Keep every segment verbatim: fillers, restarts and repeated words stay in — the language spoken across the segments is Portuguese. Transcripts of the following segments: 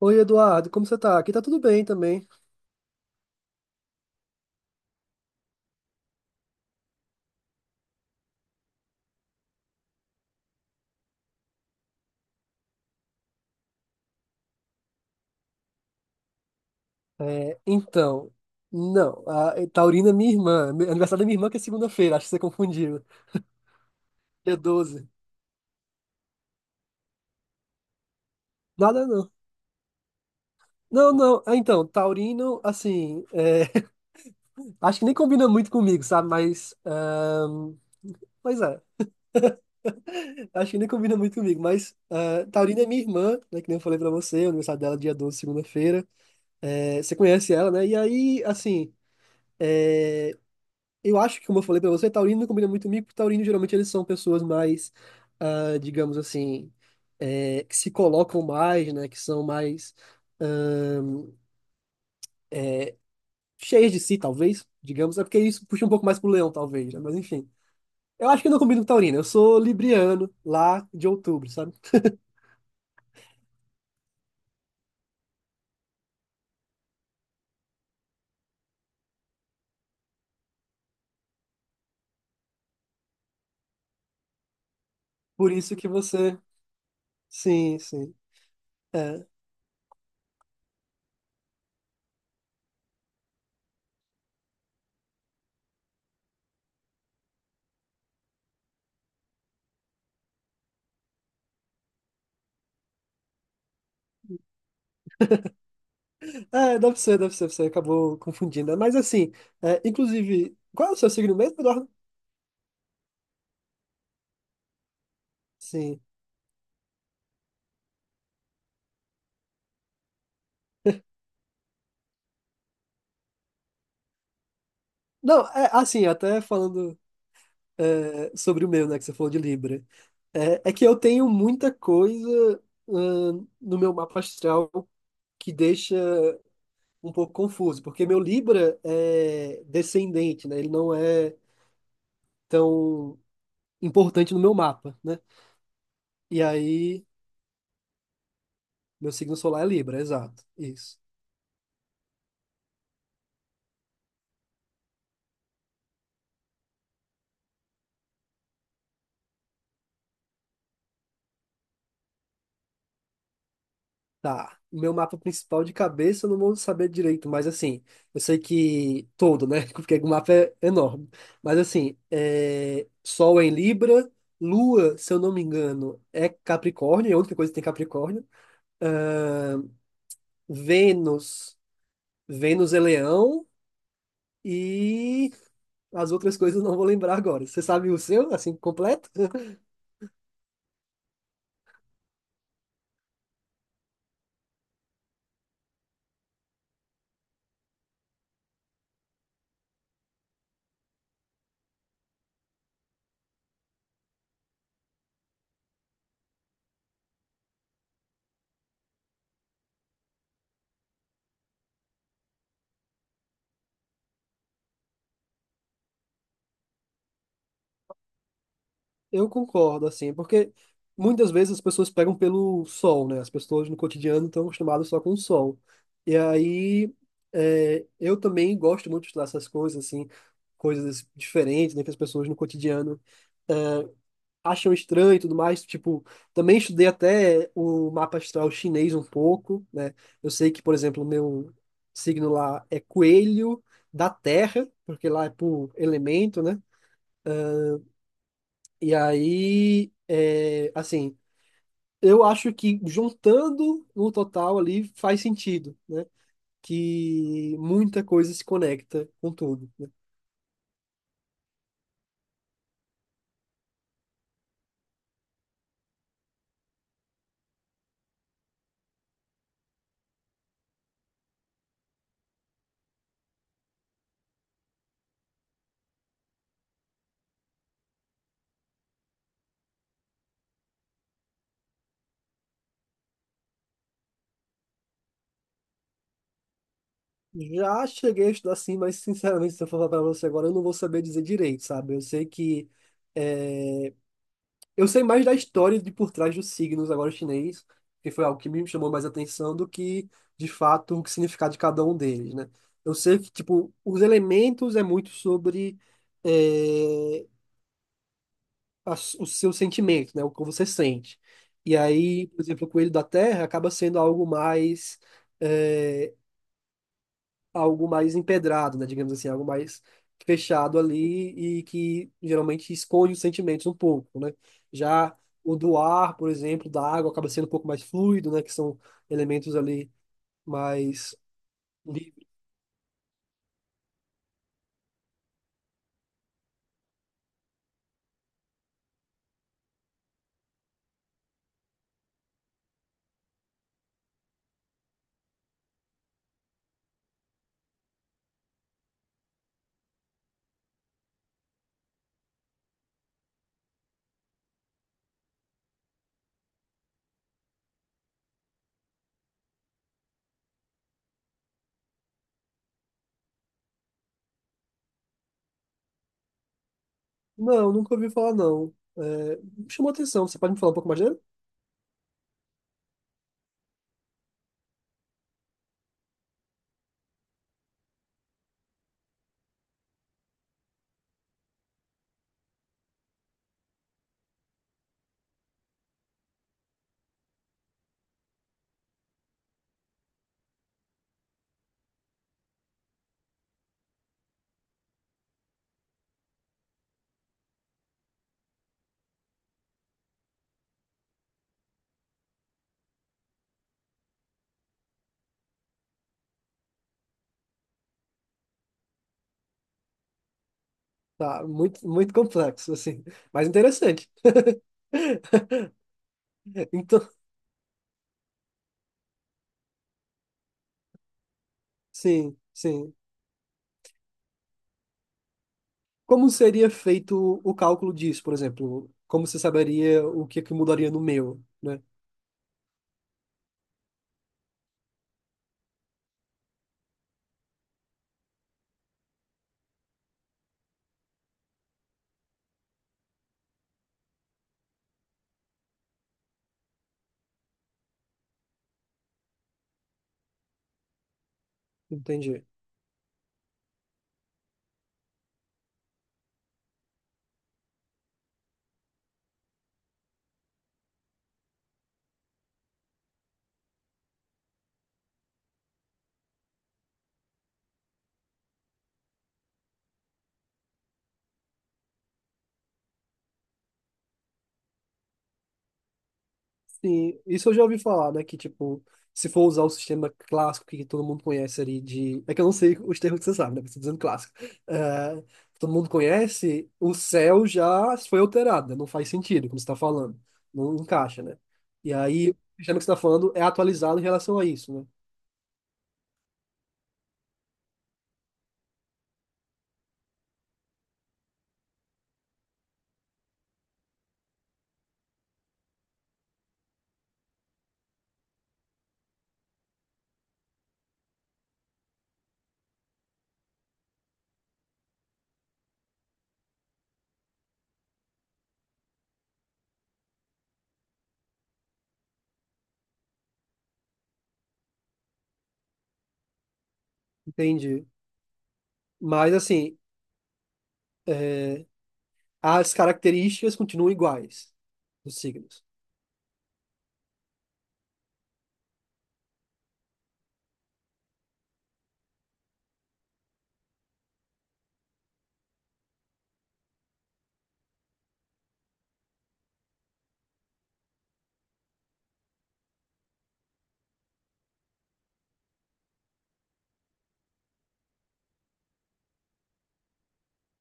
Oi, Eduardo, como você tá? Aqui tá tudo bem também. É, então, não, a a Taurina é minha irmã. Aniversário da minha irmã que é segunda-feira, acho que você confundiu. Dia doze. Nada não. Não, não. Ah, então, Taurino, assim, é, acho que nem combina muito comigo, sabe? Mas, ahn, pois é, acho que nem combina muito comigo. Mas ah, Taurina é minha irmã, né? Que nem eu falei pra você, o aniversário dela é dia doze, segunda-feira. É, você conhece ela, né? E aí, assim. É, eu acho que, como eu falei pra você, taurino não combina muito comigo, porque taurino geralmente eles são pessoas mais, ah, digamos assim, eh, que se colocam mais, né? Que são mais ahn, cheias de si, talvez, digamos. É porque isso puxa um pouco mais pro leão, talvez, né? Mas enfim. Eu acho que eu não combino com taurino. Eu sou libriano, lá de outubro, sabe? Por isso que você... Sim, sim. É, é deve ser, deve ser. Você acabou confundindo, né? Mas assim, é, inclusive... Qual é o seu signo mesmo, Eduardo? Sim. Não, é assim, até falando... É, sobre o meu, né, que você falou de Libra. É, é que eu tenho muita coisa, hum, no meu mapa astral que deixa um pouco confuso, porque meu Libra é descendente, né? Ele não é tão importante no meu mapa, né? E aí, meu signo solar é Libra, exato, isso. Tá, meu mapa principal de cabeça eu não vou saber direito, mas assim, eu sei que todo, né? Porque o mapa é enorme. Mas assim, é... Sol é em Libra, Lua, se eu não me engano, é Capricórnio, é a única coisa que tem Capricórnio. Ahn, Vênus, Vênus é Leão e as outras coisas eu não vou lembrar agora. Você sabe o seu, assim, completo? Eu concordo, assim, porque muitas vezes as pessoas pegam pelo sol, né? As pessoas no cotidiano estão acostumadas só com o sol. E aí, é, eu também gosto muito de estudar essas coisas, assim, coisas diferentes, né, que as pessoas no cotidiano é, acham estranho e tudo mais. Tipo, também estudei até o mapa astral chinês um pouco, né? Eu sei que, por exemplo, o meu signo lá é coelho da terra, porque lá é por elemento, né? E aí, é, assim. Eu acho que juntando no total ali faz sentido, né? Que muita coisa se conecta com tudo, né? Já cheguei a estudar assim, mas sinceramente, se eu falar para você agora, eu não vou saber dizer direito, sabe? Eu sei que é, eu sei mais da história de por trás dos signos agora chinês, que foi algo que me chamou mais atenção do que, de fato, o que significado de cada um deles, né? Eu sei que, tipo, os elementos é muito sobre eh, a s- o seu sentimento, né? O que você sente. E aí, por exemplo, o coelho da terra acaba sendo algo mais, é, algo mais empedrado, né? Digamos assim, algo mais fechado ali e que geralmente esconde os sentimentos um pouco, né? Já o do ar, por exemplo, da água acaba sendo um pouco mais fluido, né? Que são elementos ali mais livres. Não, nunca ouvi falar, não. É, me chamou atenção. Você pode me falar um pouco mais dele? Tá, muito, muito complexo, assim, mas interessante. Então, sim, sim. Como seria feito o cálculo disso, por exemplo? Como você saberia o que é que mudaria no meu, né? Entendi. Sim, isso eu já ouvi falar, né? Que, tipo, se for usar o sistema clássico que todo mundo conhece ali de... É que eu não sei os termos que você sabe, né? Estou dizendo clássico. É, todo mundo conhece, o céu já foi alterado, né? Não faz sentido, como você está falando. Não encaixa, né? E aí, o sistema que você está falando é atualizado em relação a isso, né? Entendi. Mas, assim... eh, as características continuam iguais dos signos.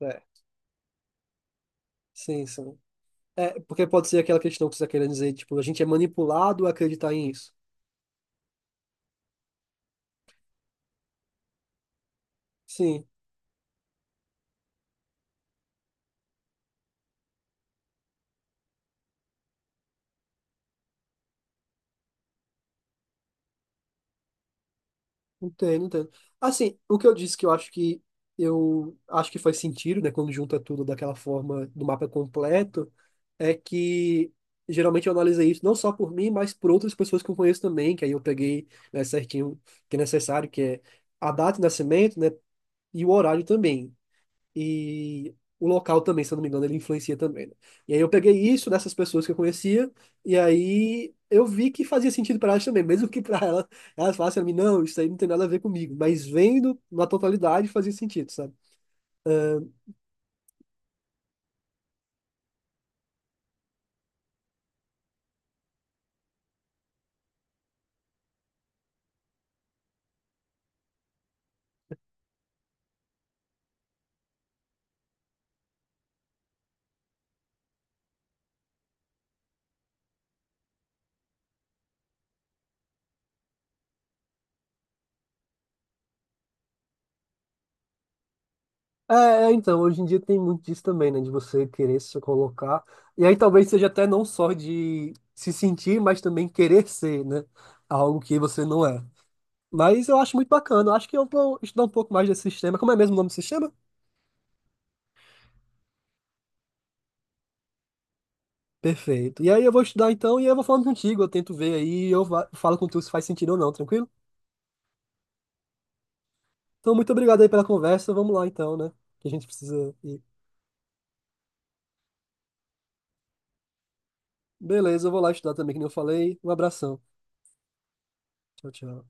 É, sim, sim. É, porque pode ser aquela questão que você está querendo dizer, tipo, a gente é manipulado a acreditar em isso. Sim, entendo, entendo. Assim, o que eu disse que eu acho que eu acho que faz sentido, né, quando junta tudo daquela forma do mapa completo, é que geralmente eu analisei isso não só por mim, mas por outras pessoas que eu conheço também, que aí eu peguei, né, certinho o que é necessário, que é a data de nascimento, né, e o horário também. E o local também, se eu não me engano, ele influencia também, né? E aí eu peguei isso dessas pessoas que eu conhecia, e aí eu vi que fazia sentido para elas também, mesmo que para elas, elas falassem a mim, não, isso aí não tem nada a ver comigo, mas vendo na totalidade fazia sentido, sabe? É, então, hoje em dia tem muito disso também, né? De você querer se colocar. E aí talvez seja até não só de se sentir, mas também querer ser, né? Algo que você não é. Mas eu acho muito bacana. Eu acho que eu vou estudar um pouco mais desse sistema. Como é mesmo o nome do sistema? Perfeito. E aí eu vou estudar então e eu vou falando contigo. Eu tento ver aí e eu va- falo com tu se faz sentido ou não, tranquilo? Então, muito obrigado aí pela conversa. Vamos lá então, né? Que a gente precisa ir. Beleza, eu vou lá estudar também, que nem eu falei. Um abração. Tchau, tchau.